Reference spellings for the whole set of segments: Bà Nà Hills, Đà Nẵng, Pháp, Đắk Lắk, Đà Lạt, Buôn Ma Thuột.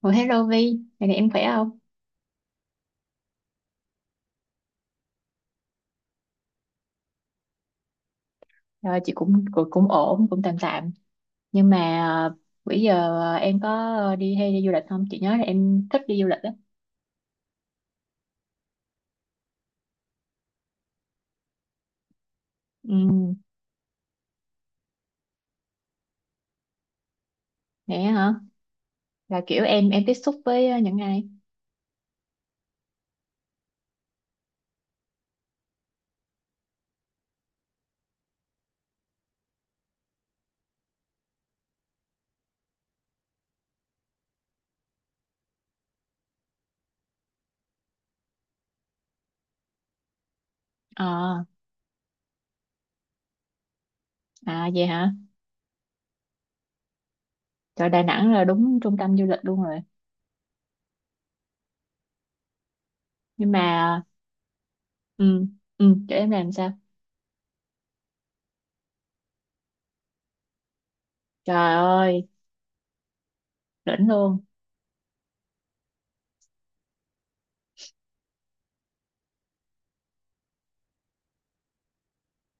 Ủa hello Vi, ngày này em khỏe không? Rồi chị cũng cũng, cũng ổn, cũng tạm tạm. Nhưng mà bữa giờ em có đi hay đi du lịch không? Chị nhớ là em thích đi du lịch á. Ừ, vậy á hả? Là kiểu em tiếp xúc với những ai? Ờ, à, vậy hả? Trời, Đà Nẵng là đúng trung tâm du lịch luôn rồi. Nhưng mà ừ, ừ, chỗ em làm sao? Trời ơi, đỉnh luôn.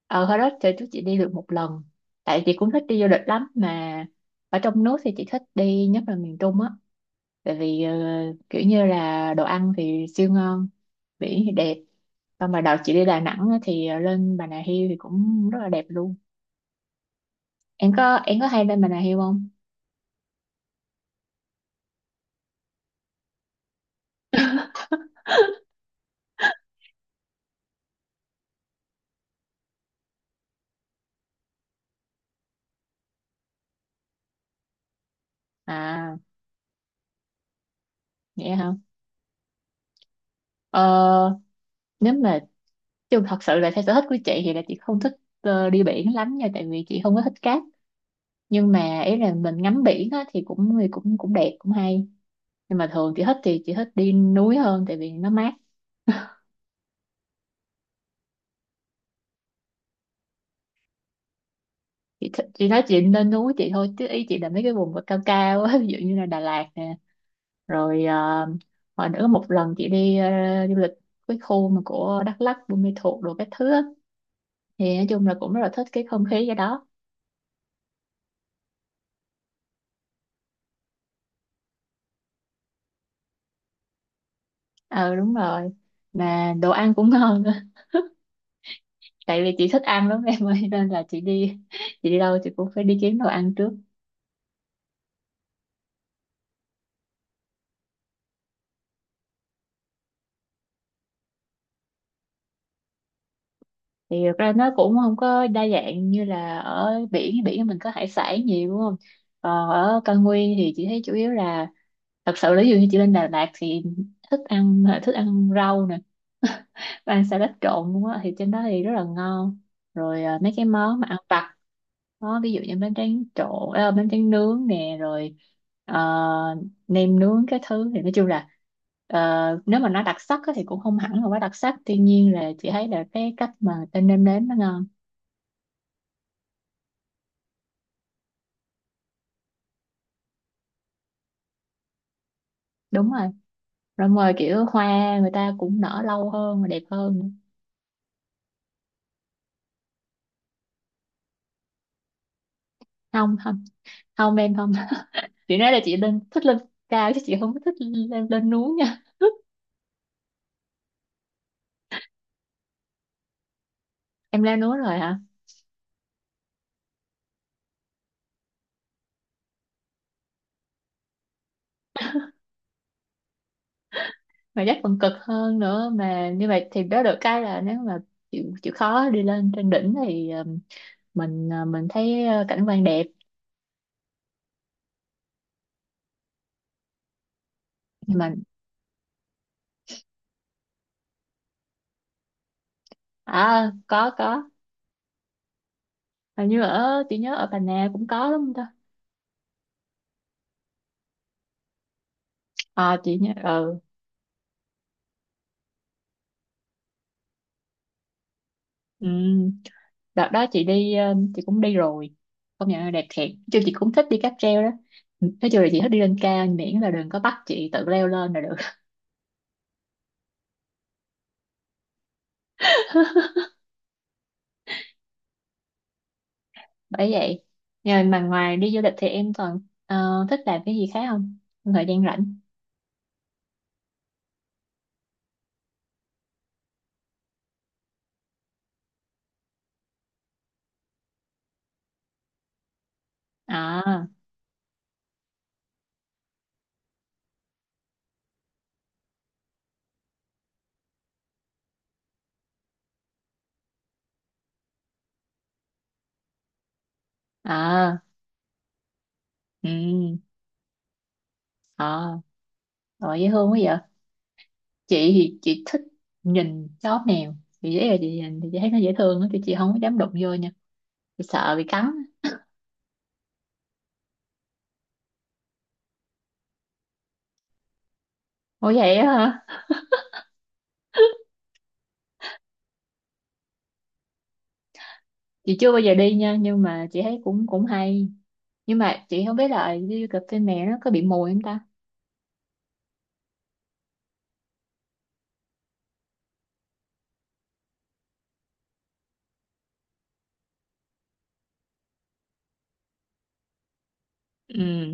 Ờ Hồi đó trời trước chị đi được một lần. Tại chị cũng thích đi du lịch lắm, mà ở trong nước thì chị thích đi nhất là miền Trung á, tại vì kiểu như là đồ ăn thì siêu ngon, biển thì đẹp. Xong mà đợt chị đi Đà Nẵng á, thì lên Bà Nà Hills thì cũng rất là đẹp luôn. Em có em có hay lên Bà Nà Hills không? À vậy hả. ờ, Nếu mà, chứ thật sự là theo sở thích của chị thì là chị không thích đi biển lắm nha, tại vì chị không có thích cát. Nhưng mà ý là mình ngắm biển á, thì cũng cũng đẹp cũng hay. Nhưng mà thường chị thích, thì chị thích đi núi hơn tại vì nó mát. Chị nói chị nên núi chị thôi, chứ ý chị là mấy cái vùng mà cao cao á ví dụ như là Đà Lạt nè. Rồi hồi nữa một lần chị đi du lịch cái khu mà của Đắk Lắk Buôn Ma Thuột đồ các thứ á, thì nói chung là cũng rất là thích cái không khí ở đó. Ờ đúng rồi. Mà đồ ăn cũng ngon nữa, tại vì chị thích ăn lắm em ơi, nên là chị đi chị đi đâu chị cũng phải đi kiếm đồ ăn trước. Thì thật ra nó cũng không có đa dạng như là ở biển, biển mình có hải sản nhiều đúng không. Còn ở cao nguyên thì chị thấy chủ yếu là, thật sự là ví dụ như chị lên Đà Lạt thì thức ăn rau nè ăn salad trộn luôn á, thì trên đó thì rất là ngon. Rồi mấy cái món mà ăn vặt đó, ví dụ như bánh tráng trộn bánh tráng nướng nè, rồi ờ, nem nướng cái thứ. Thì nói chung là ờ, nếu mà nó đặc sắc á thì cũng không hẳn là quá đặc sắc, tuy nhiên là chị thấy là cái cách mà người ta nêm nếm nó ngon. Đúng rồi. Rồi mời kiểu hoa người ta cũng nở lâu hơn và đẹp hơn nữa. Không không, không em không. Chị nói là chị lên, thích lên cao, chứ chị không có thích lên lên núi nha. Em leo núi rồi hả? Mà chắc còn cực hơn nữa. Mà như vậy thì đó, được cái là nếu mà chịu chịu khó đi lên trên đỉnh thì mình thấy cảnh quan đẹp. Nhưng mà à, có, hình như ở, chị nhớ ở Bà Nà cũng có đúng không ta. À chị nhớ ừ. Ừ, đợt đó chị đi chị cũng đi rồi, công nhận là đẹp thiệt. Nói chung chị cũng thích đi cáp treo đó, nói chung là chị thích đi lên cao, miễn là đừng có bắt chị tự leo lên là được. Bởi vậy. Rồi mà ngoài đi du lịch thì em còn thích làm cái gì khác không? Trong thời gian rảnh. À, à, ừ, à, rồi dễ thương quá vậy. Chị thì chị thích nhìn chó mèo, chị dễ là chị nhìn thì chị thấy nó dễ thương á, thì chị không có dám đụng vô nha, chị sợ bị cắn. Ủa vậy á hả? Chị chưa bao giờ đi nha, nhưng mà chị thấy cũng cũng hay, nhưng mà chị không biết là đi cà phê mẹ nó có bị mùi không ta. Ừ.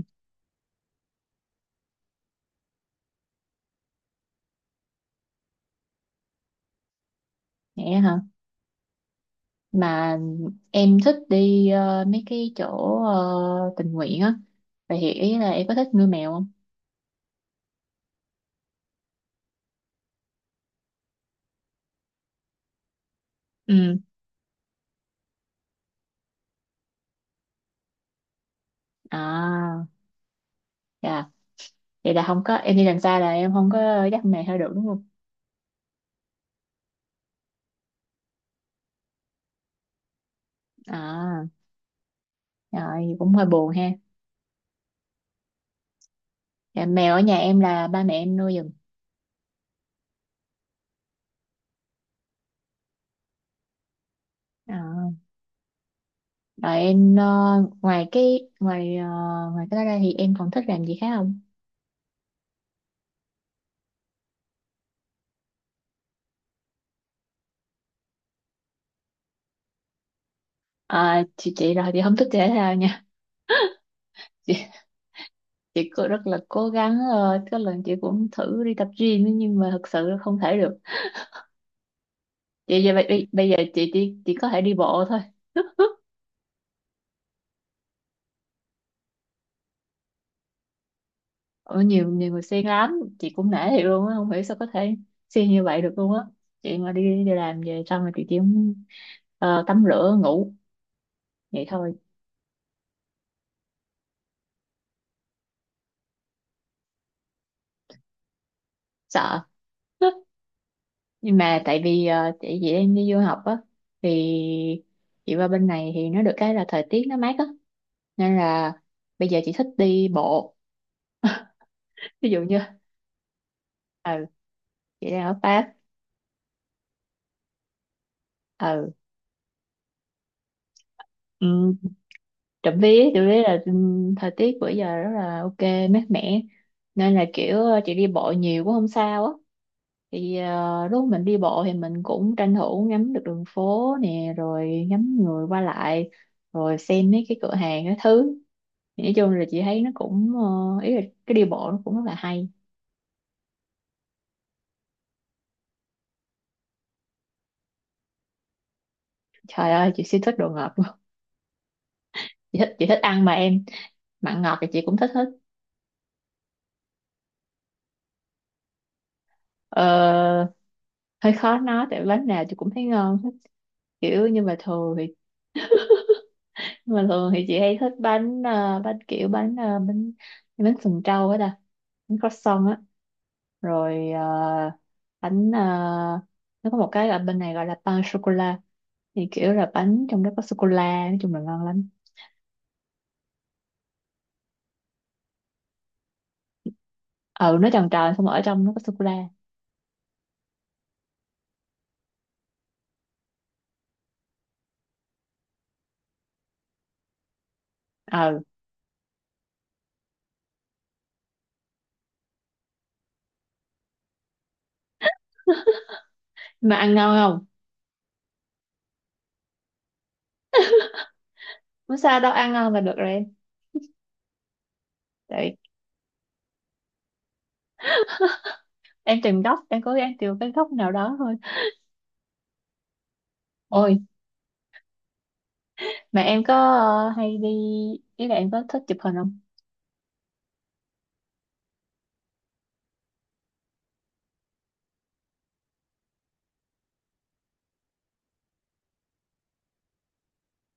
Mẹ hả? Mà em thích đi mấy cái chỗ tình nguyện á, vậy thì ý là em có thích nuôi mèo không? Ừ. À, dạ. Vậy là không có, em đi làm xa là em không có dắt mèo theo được đúng không? À, rồi cũng hơi buồn ha. Dạ, mèo ở nhà em là ba mẹ em nuôi giùm. À, rồi em ngoài cái ngoài ngoài cái đó ra thì em còn thích làm gì khác không? À, chị rồi chị không thích thể thao nha. Chị cũng rất là cố gắng, rồi có lần chị cũng thử đi tập gym ấy, nhưng mà thật sự là không thể được. Chị giờ bây giờ chị chỉ có thể đi bộ thôi. Ở, nhiều nhiều người siêng lắm, chị cũng nể thiệt luôn á, không hiểu sao có thể siêng như vậy được luôn á. Chị mà đi đi làm về xong rồi chị chỉ muốn, tắm rửa ngủ vậy thôi. Sợ. Nhưng mà tại vì chị đang đi du học á, thì chị qua bên này thì nó được cái là thời tiết nó mát á, nên là bây giờ chị thích đi bộ. Ví dụ như, ừ, chị đang ở Pháp. Ừ. um, trộm vía là thời tiết bữa giờ rất là ok mát mẻ, nên là kiểu chị đi bộ nhiều cũng không sao á. Thì lúc mình đi bộ thì mình cũng tranh thủ ngắm được đường phố nè, rồi ngắm người qua lại, rồi xem mấy cái cửa hàng cái thứ. Thì nói chung là chị thấy nó cũng ý là cái đi bộ nó cũng rất là hay. Trời ơi chị siêu thích đồ ngọt luôn. Chị thích, chị thích ăn mà em, mặn ngọt thì chị cũng thích hết. Ờ, hơi khó nói tại bánh nào chị cũng thấy ngon hết, kiểu. Nhưng mà thường thì, nhưng mà thường thì chị hay thích bánh bánh kiểu bánh bánh, bánh sừng trâu á ta, bánh croissant á. Rồi bánh nó có một cái ở bên này gọi là pain sô cô la, thì kiểu là bánh trong đó có sô cô la, nói chung là ngon lắm. Ừ nó tròn tròn, xong rồi ở trong nó có sô cô la. Ừ. Mà ăn ngon không? Không sao đâu, ăn ngon là được rồi em. Tại em tìm góc, em cố gắng tìm cái góc nào đó thôi. Ôi. Mà em có hay đi, ý là em có thích chụp hình không?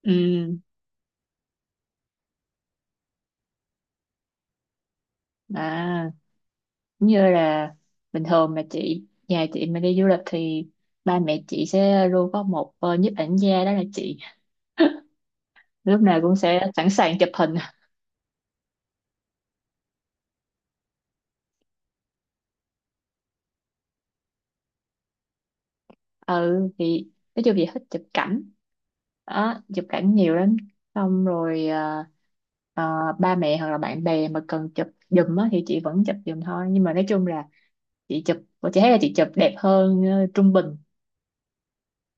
Ừ, à, cũng như là bình thường mà chị, nhà chị mà đi du lịch thì ba mẹ chị sẽ luôn có một nhiếp ảnh gia, đó là chị, lúc nào cũng sẽ sẵn sàng chụp hình. Ừ thì nói chung chị thích chụp cảnh đó, chụp cảnh nhiều lắm. Xong rồi ba mẹ hoặc là bạn bè mà cần chụp giùm á thì chị vẫn chụp giùm thôi, nhưng mà nói chung là chị chụp, chị thấy là chị chụp đẹp hơn trung bình,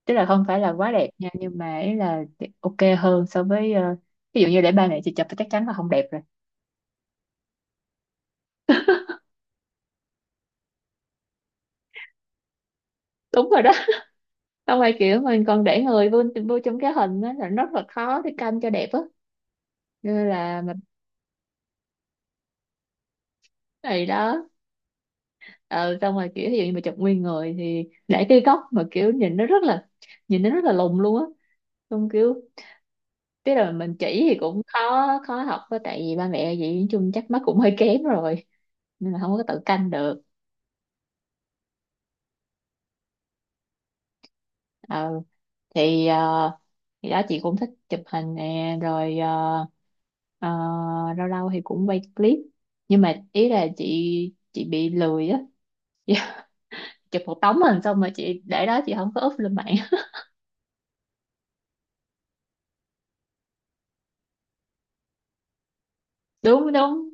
tức là không phải là quá đẹp nha, nhưng mà ý là ok hơn so với ví dụ như để ba mẹ chị chụp thì chắc chắn là không đẹp rồi. Đúng rồi đó. Xong rồi kiểu mình còn để người vô, vô trong cái hình á là rất là khó để canh cho đẹp á, nên là mình. Này đó. Ờ xong rồi kiểu ví dụ như mà chụp nguyên người thì để cái góc mà kiểu nhìn nó rất là, nhìn nó rất là lùn luôn á. Xong kiểu, tức là mình chỉ thì cũng khó khó học á, tại vì ba mẹ vậy, nói chung chắc mắt cũng hơi kém rồi, nên là không có tự canh được. Ờ, thì thì đó chị cũng thích chụp hình nè, rồi ờ, lâu lâu thì cũng quay clip, nhưng mà ý là chị bị lười á. Dạ, chụp một tấm hình xong rồi chị để đó chị không có up lên mạng. Đúng đúng.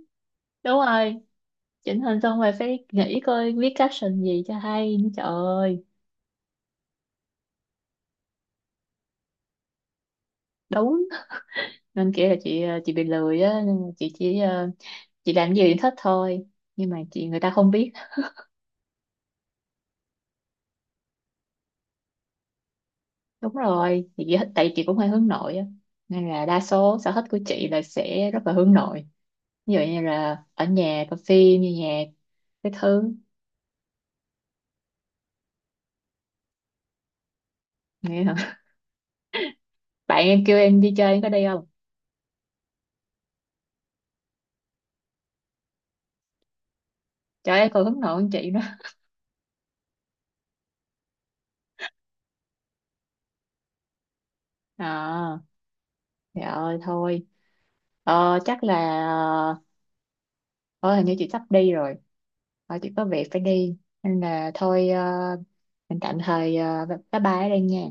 Đúng rồi, chỉnh hình xong rồi phải nghĩ coi viết caption gì cho hay nữa, trời ơi. Đúng, nên kia là chị chị bị lười á, nên là chị chỉ chị làm gì thì thích thôi, nhưng mà chị người ta không biết. Đúng rồi, thì chị, tại chị cũng hơi hướng nội á. Nên là đa số sở thích của chị là sẽ rất là hướng nội. Ví dụ như là ở nhà coi phim, nghe nhạc, cái thứ. Nghe hả? Bạn em kêu em đi chơi, em có đi không? Trời ơi, còn hướng nội hơn chị nữa. À, trời ơi, thôi. Ờ, chắc là... Ờ, ờ, hình như chị sắp đi rồi. Ờ, chị có việc phải đi. Nên là thôi, mình tạm thời bye bye ở đây nha.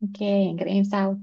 Ok, hẹn gặp em sau.